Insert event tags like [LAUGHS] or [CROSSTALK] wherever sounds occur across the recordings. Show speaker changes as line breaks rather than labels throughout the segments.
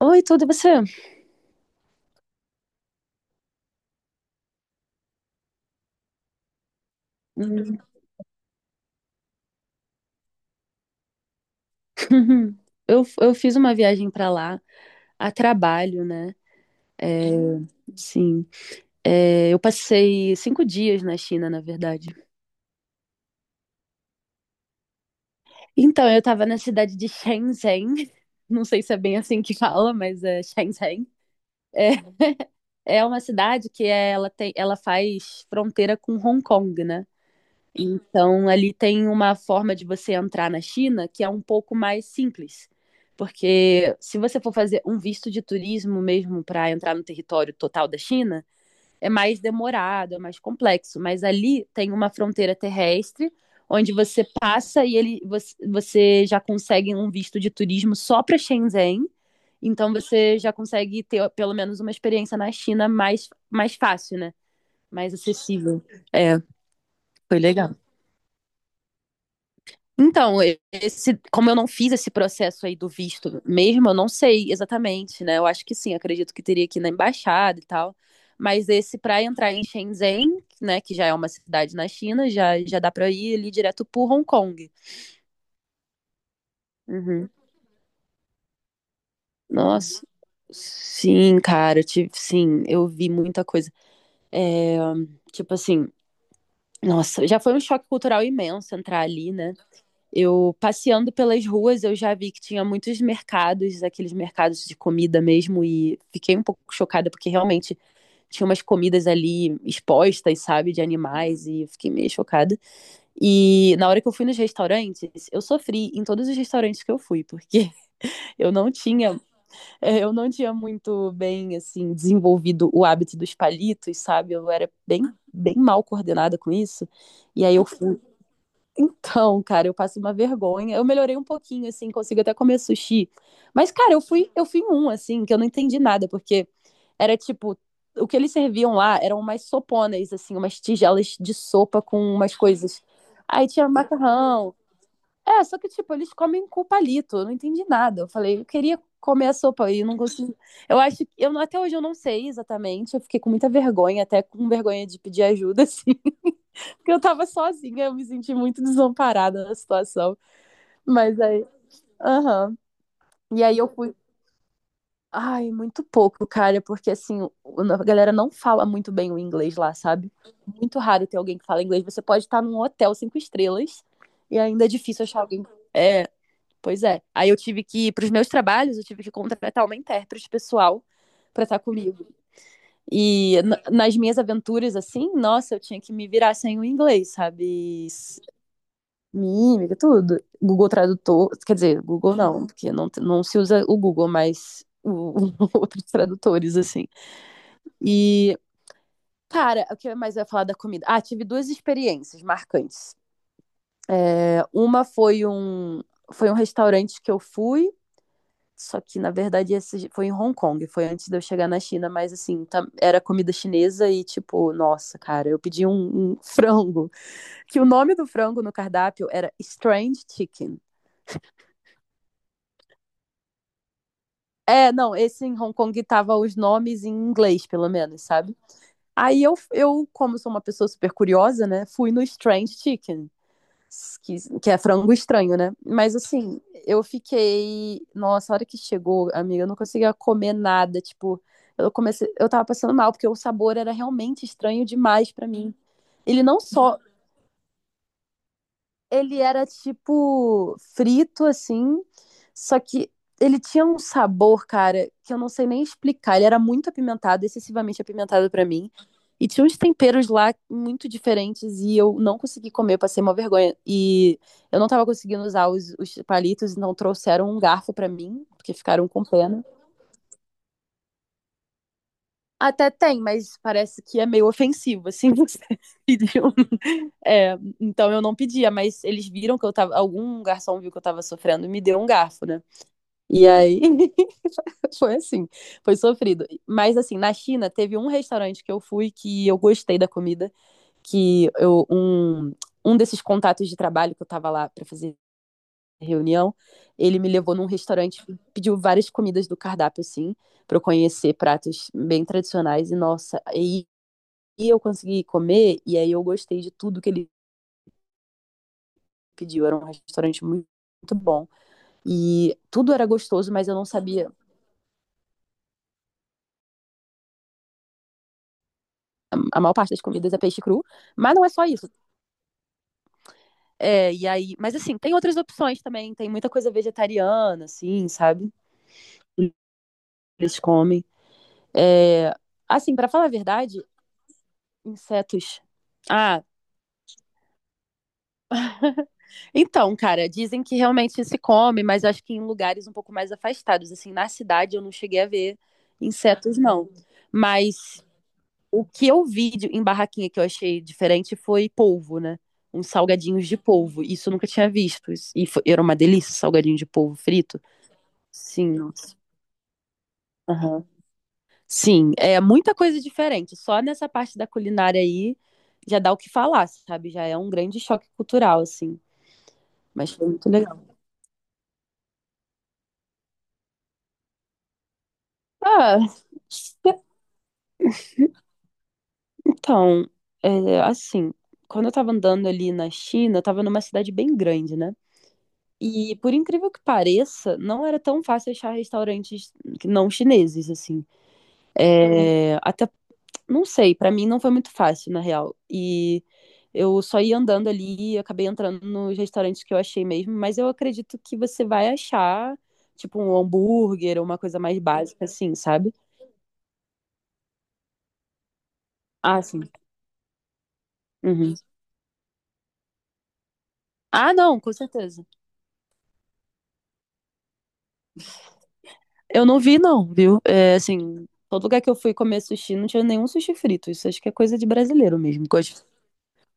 Oi, tudo e você? Hum. [LAUGHS] Eu fiz uma viagem pra lá a trabalho, né? É, sim. É, eu passei 5 dias na China, na verdade. Então, eu tava na cidade de Shenzhen. [LAUGHS] Não sei se é bem assim que fala, mas é Shenzhen. É, [LAUGHS] é uma cidade que é, ela tem, ela faz fronteira com Hong Kong, né? Então, ali tem uma forma de você entrar na China que é um pouco mais simples. Porque se você for fazer um visto de turismo mesmo para entrar no território total da China, é mais demorado, é mais complexo. Mas ali tem uma fronteira terrestre onde você passa e ele, você, você já consegue um visto de turismo só para Shenzhen. Então você já consegue ter pelo menos uma experiência na China mais, mais fácil, né? Mais acessível. É, foi legal. Então, esse, como eu não fiz esse processo aí do visto mesmo, eu não sei exatamente, né? Eu acho que sim, acredito que teria que ir na embaixada e tal. Mas esse para entrar em Shenzhen, né, que já é uma cidade na China, já, já dá para ir ali direto pro Hong Kong. Uhum. Nossa, sim, cara, eu tive, sim, eu vi muita coisa. É, tipo assim, nossa, já foi um choque cultural imenso entrar ali, né? Eu passeando pelas ruas, eu já vi que tinha muitos mercados, aqueles mercados de comida mesmo, e fiquei um pouco chocada porque realmente tinha umas comidas ali expostas, sabe, de animais, e eu fiquei meio chocada. E na hora que eu fui nos restaurantes, eu sofri em todos os restaurantes que eu fui, porque [LAUGHS] eu não tinha, eu não tinha muito bem, assim, desenvolvido o hábito dos palitos, sabe? Eu era bem, bem mal coordenada com isso. E aí eu fui, então, cara, eu passo uma vergonha. Eu melhorei um pouquinho, assim, consigo até comer sushi. Mas, cara, eu fui em um, assim, que eu não entendi nada, porque era tipo, o que eles serviam lá eram umas soponas, assim, umas tigelas de sopa com umas coisas. Aí tinha macarrão. É, só que, tipo, eles comem com palito. Eu não entendi nada. Eu falei, eu queria comer a sopa e não consegui. Eu acho que, eu, até hoje eu não sei exatamente. Eu fiquei com muita vergonha, até com vergonha de pedir ajuda, [LAUGHS] assim. Porque eu tava sozinha, eu me senti muito desamparada na situação. Mas aí, aham. E aí eu fui. Ai, muito pouco, cara, porque assim, a galera não fala muito bem o inglês lá, sabe? Muito raro ter alguém que fala inglês. Você pode estar num hotel 5 estrelas e ainda é difícil achar alguém. É, pois é. Aí eu tive que, pros meus trabalhos, eu tive que contratar uma intérprete pessoal pra estar comigo. E nas minhas aventuras, assim, nossa, eu tinha que me virar sem o inglês, sabe? Mímica, tudo. Google Tradutor, quer dizer, Google não, porque não, não se usa o Google, mas [LAUGHS] outros tradutores, assim. E, cara, o que mais eu ia falar da comida? Ah, tive duas experiências marcantes. É, uma foi um restaurante que eu fui, só que, na verdade, esse foi em Hong Kong, foi antes de eu chegar na China, mas, assim, era comida chinesa e, tipo, nossa, cara, eu pedi um frango, que o nome do frango no cardápio era Strange Chicken. É, não, esse em Hong Kong tava os nomes em inglês, pelo menos, sabe? Aí eu como sou uma pessoa super curiosa, né, fui no Strange Chicken, que é frango estranho, né? Mas assim, eu fiquei. Nossa, a hora que chegou, amiga, eu não conseguia comer nada. Tipo, eu comecei. Eu tava passando mal, porque o sabor era realmente estranho demais pra mim. Ele não só ele era tipo frito assim, só que ele tinha um sabor, cara, que eu não sei nem explicar. Ele era muito apimentado, excessivamente apimentado pra mim. E tinha uns temperos lá muito diferentes e eu não consegui comer, eu passei uma vergonha. E eu não tava conseguindo usar os palitos, então trouxeram um garfo pra mim, porque ficaram com pena. Até tem, mas parece que é meio ofensivo, assim, [LAUGHS] você pedir um. É, então eu não pedia, mas eles viram que eu tava. Algum garçom viu que eu tava sofrendo e me deu um garfo, né? E aí [LAUGHS] foi assim, foi sofrido. Mas assim, na China teve um restaurante que eu fui que eu gostei da comida, que eu, um desses contatos de trabalho que eu tava lá para fazer reunião, ele me levou num restaurante, pediu várias comidas do cardápio, assim, para eu conhecer pratos bem tradicionais. E nossa, aí eu consegui comer, e aí eu gostei de tudo que ele pediu. Era um restaurante muito, muito bom. E tudo era gostoso, mas eu não sabia. A maior parte das comidas é peixe cru, mas não é só isso. É, e aí, mas assim, tem outras opções também, tem muita coisa vegetariana, assim, sabe? Eles comem. É, assim, para falar a verdade, insetos. Ah, então, cara, dizem que realmente se come, mas eu acho que em lugares um pouco mais afastados, assim, na cidade eu não cheguei a ver insetos, não. Mas o que eu vi em barraquinha que eu achei diferente foi polvo, né? Uns salgadinhos de polvo. Isso eu nunca tinha visto. E era uma delícia, salgadinho de polvo frito. Sim, nossa. Aham. Sim, é muita coisa diferente. Só nessa parte da culinária aí já dá o que falar, sabe? Já é um grande choque cultural, assim. Mas foi muito legal. Ah, então, é, assim, quando eu tava andando ali na China, eu tava numa cidade bem grande, né? E por incrível que pareça, não era tão fácil achar restaurantes não chineses, assim. É, até, não sei, pra mim não foi muito fácil, na real. E eu só ia andando ali e acabei entrando nos restaurantes que eu achei mesmo, mas eu acredito que você vai achar, tipo, um hambúrguer ou uma coisa mais básica, assim, sabe? Ah, sim. Uhum. Ah, não, com certeza. Eu não vi, não, viu? É, assim, todo lugar que eu fui comer sushi não tinha nenhum sushi frito. Isso acho que é coisa de brasileiro mesmo.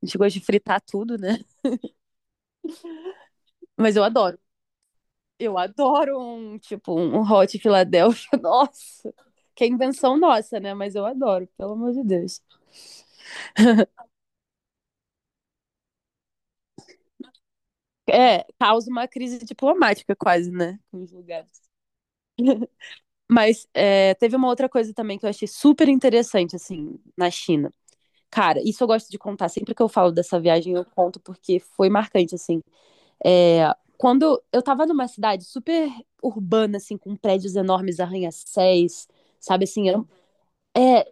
A gente gosta de fritar tudo, né? Mas eu adoro. Eu adoro um, tipo, um hot Philadelphia. [LAUGHS] Nossa, que é invenção nossa, né? Mas eu adoro, pelo amor de Deus. É, causa uma crise diplomática quase, né? Com os lugares. Mas é, teve uma outra coisa também que eu achei super interessante, assim, na China. Cara, isso eu gosto de contar. Sempre que eu falo dessa viagem, eu conto porque foi marcante, assim. É, quando eu tava numa cidade super urbana, assim, com prédios enormes, arranha-céus, sabe, assim, era, um, é,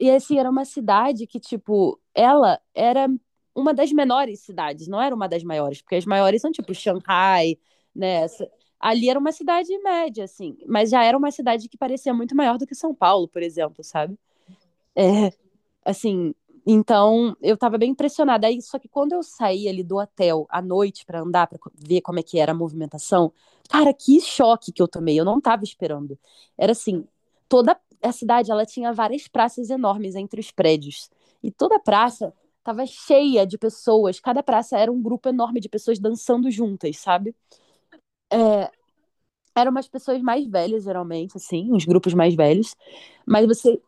e assim, era uma cidade que, tipo, ela era uma das menores cidades, não era uma das maiores, porque as maiores são, tipo, Xangai, né, ali era uma cidade média, assim, mas já era uma cidade que parecia muito maior do que São Paulo, por exemplo, sabe? É, assim, então eu tava bem impressionada. Aí, só que quando eu saí ali do hotel à noite pra andar, pra ver como é que era a movimentação, cara, que choque que eu tomei. Eu não tava esperando. Era assim, toda a cidade, ela tinha várias praças enormes entre os prédios. E toda a praça tava cheia de pessoas. Cada praça era um grupo enorme de pessoas dançando juntas, sabe? É, eram umas pessoas mais velhas, geralmente, assim, uns grupos mais velhos. Mas você.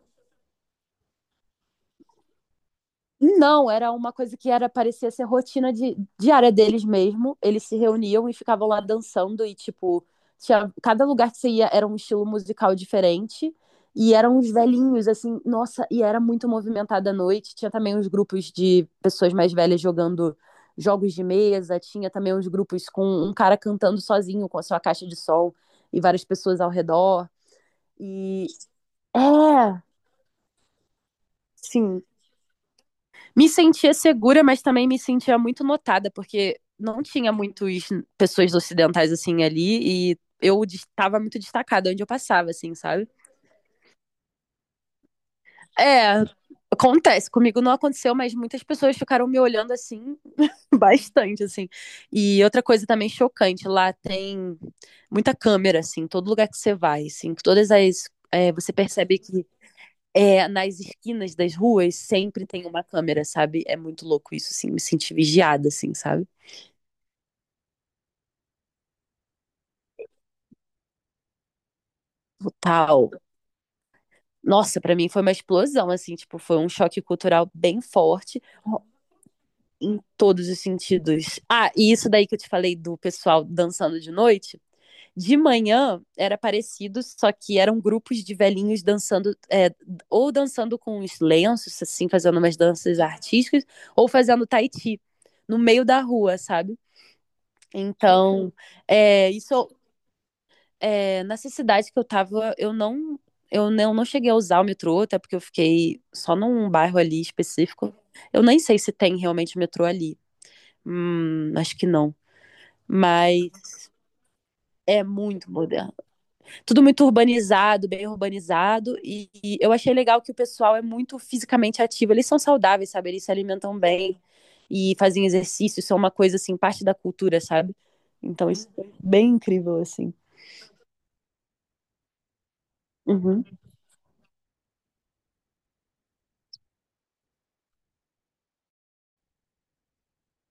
Não, era uma coisa que era parecia ser rotina diária deles mesmo. Eles se reuniam e ficavam lá dançando e tipo, tinha, cada lugar que você ia era um estilo musical diferente e eram uns velhinhos assim, nossa, e era muito movimentada a noite. Tinha também uns grupos de pessoas mais velhas jogando jogos de mesa, tinha também uns grupos com um cara cantando sozinho com a sua caixa de som e várias pessoas ao redor. E é, sim, me sentia segura, mas também me sentia muito notada, porque não tinha muitas pessoas ocidentais assim ali e eu estava muito destacada onde eu passava, assim, sabe? É, acontece. Comigo não aconteceu, mas muitas pessoas ficaram me olhando assim, [LAUGHS] bastante, assim. E outra coisa também chocante, lá tem muita câmera, assim, todo lugar que você vai, assim, todas as. É, você percebe que é, nas esquinas das ruas sempre tem uma câmera, sabe? É muito louco isso, assim, me senti vigiada, assim, sabe? Total. Nossa, pra mim foi uma explosão, assim, tipo, foi um choque cultural bem forte em todos os sentidos. Ah, e isso daí que eu te falei do pessoal dançando de noite, de manhã era parecido, só que eram grupos de velhinhos dançando, é, ou dançando com os lenços, assim, fazendo umas danças artísticas, ou fazendo tai chi no meio da rua, sabe? Então, é, isso é, nessa cidade que eu tava, eu não, não cheguei a usar o metrô, até porque eu fiquei só num bairro ali específico. Eu nem sei se tem realmente metrô ali. Acho que não. Mas é muito moderno. Tudo muito urbanizado, bem urbanizado. E eu achei legal que o pessoal é muito fisicamente ativo. Eles são saudáveis, sabe? Eles se alimentam bem e fazem exercício. Isso é uma coisa, assim, parte da cultura, sabe? Então, isso é bem incrível, assim. Uhum.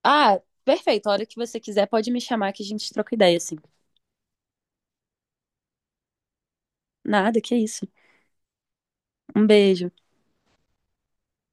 Ah, perfeito. A hora que você quiser, pode me chamar que a gente troca ideia, assim. Nada, que isso. Um beijo.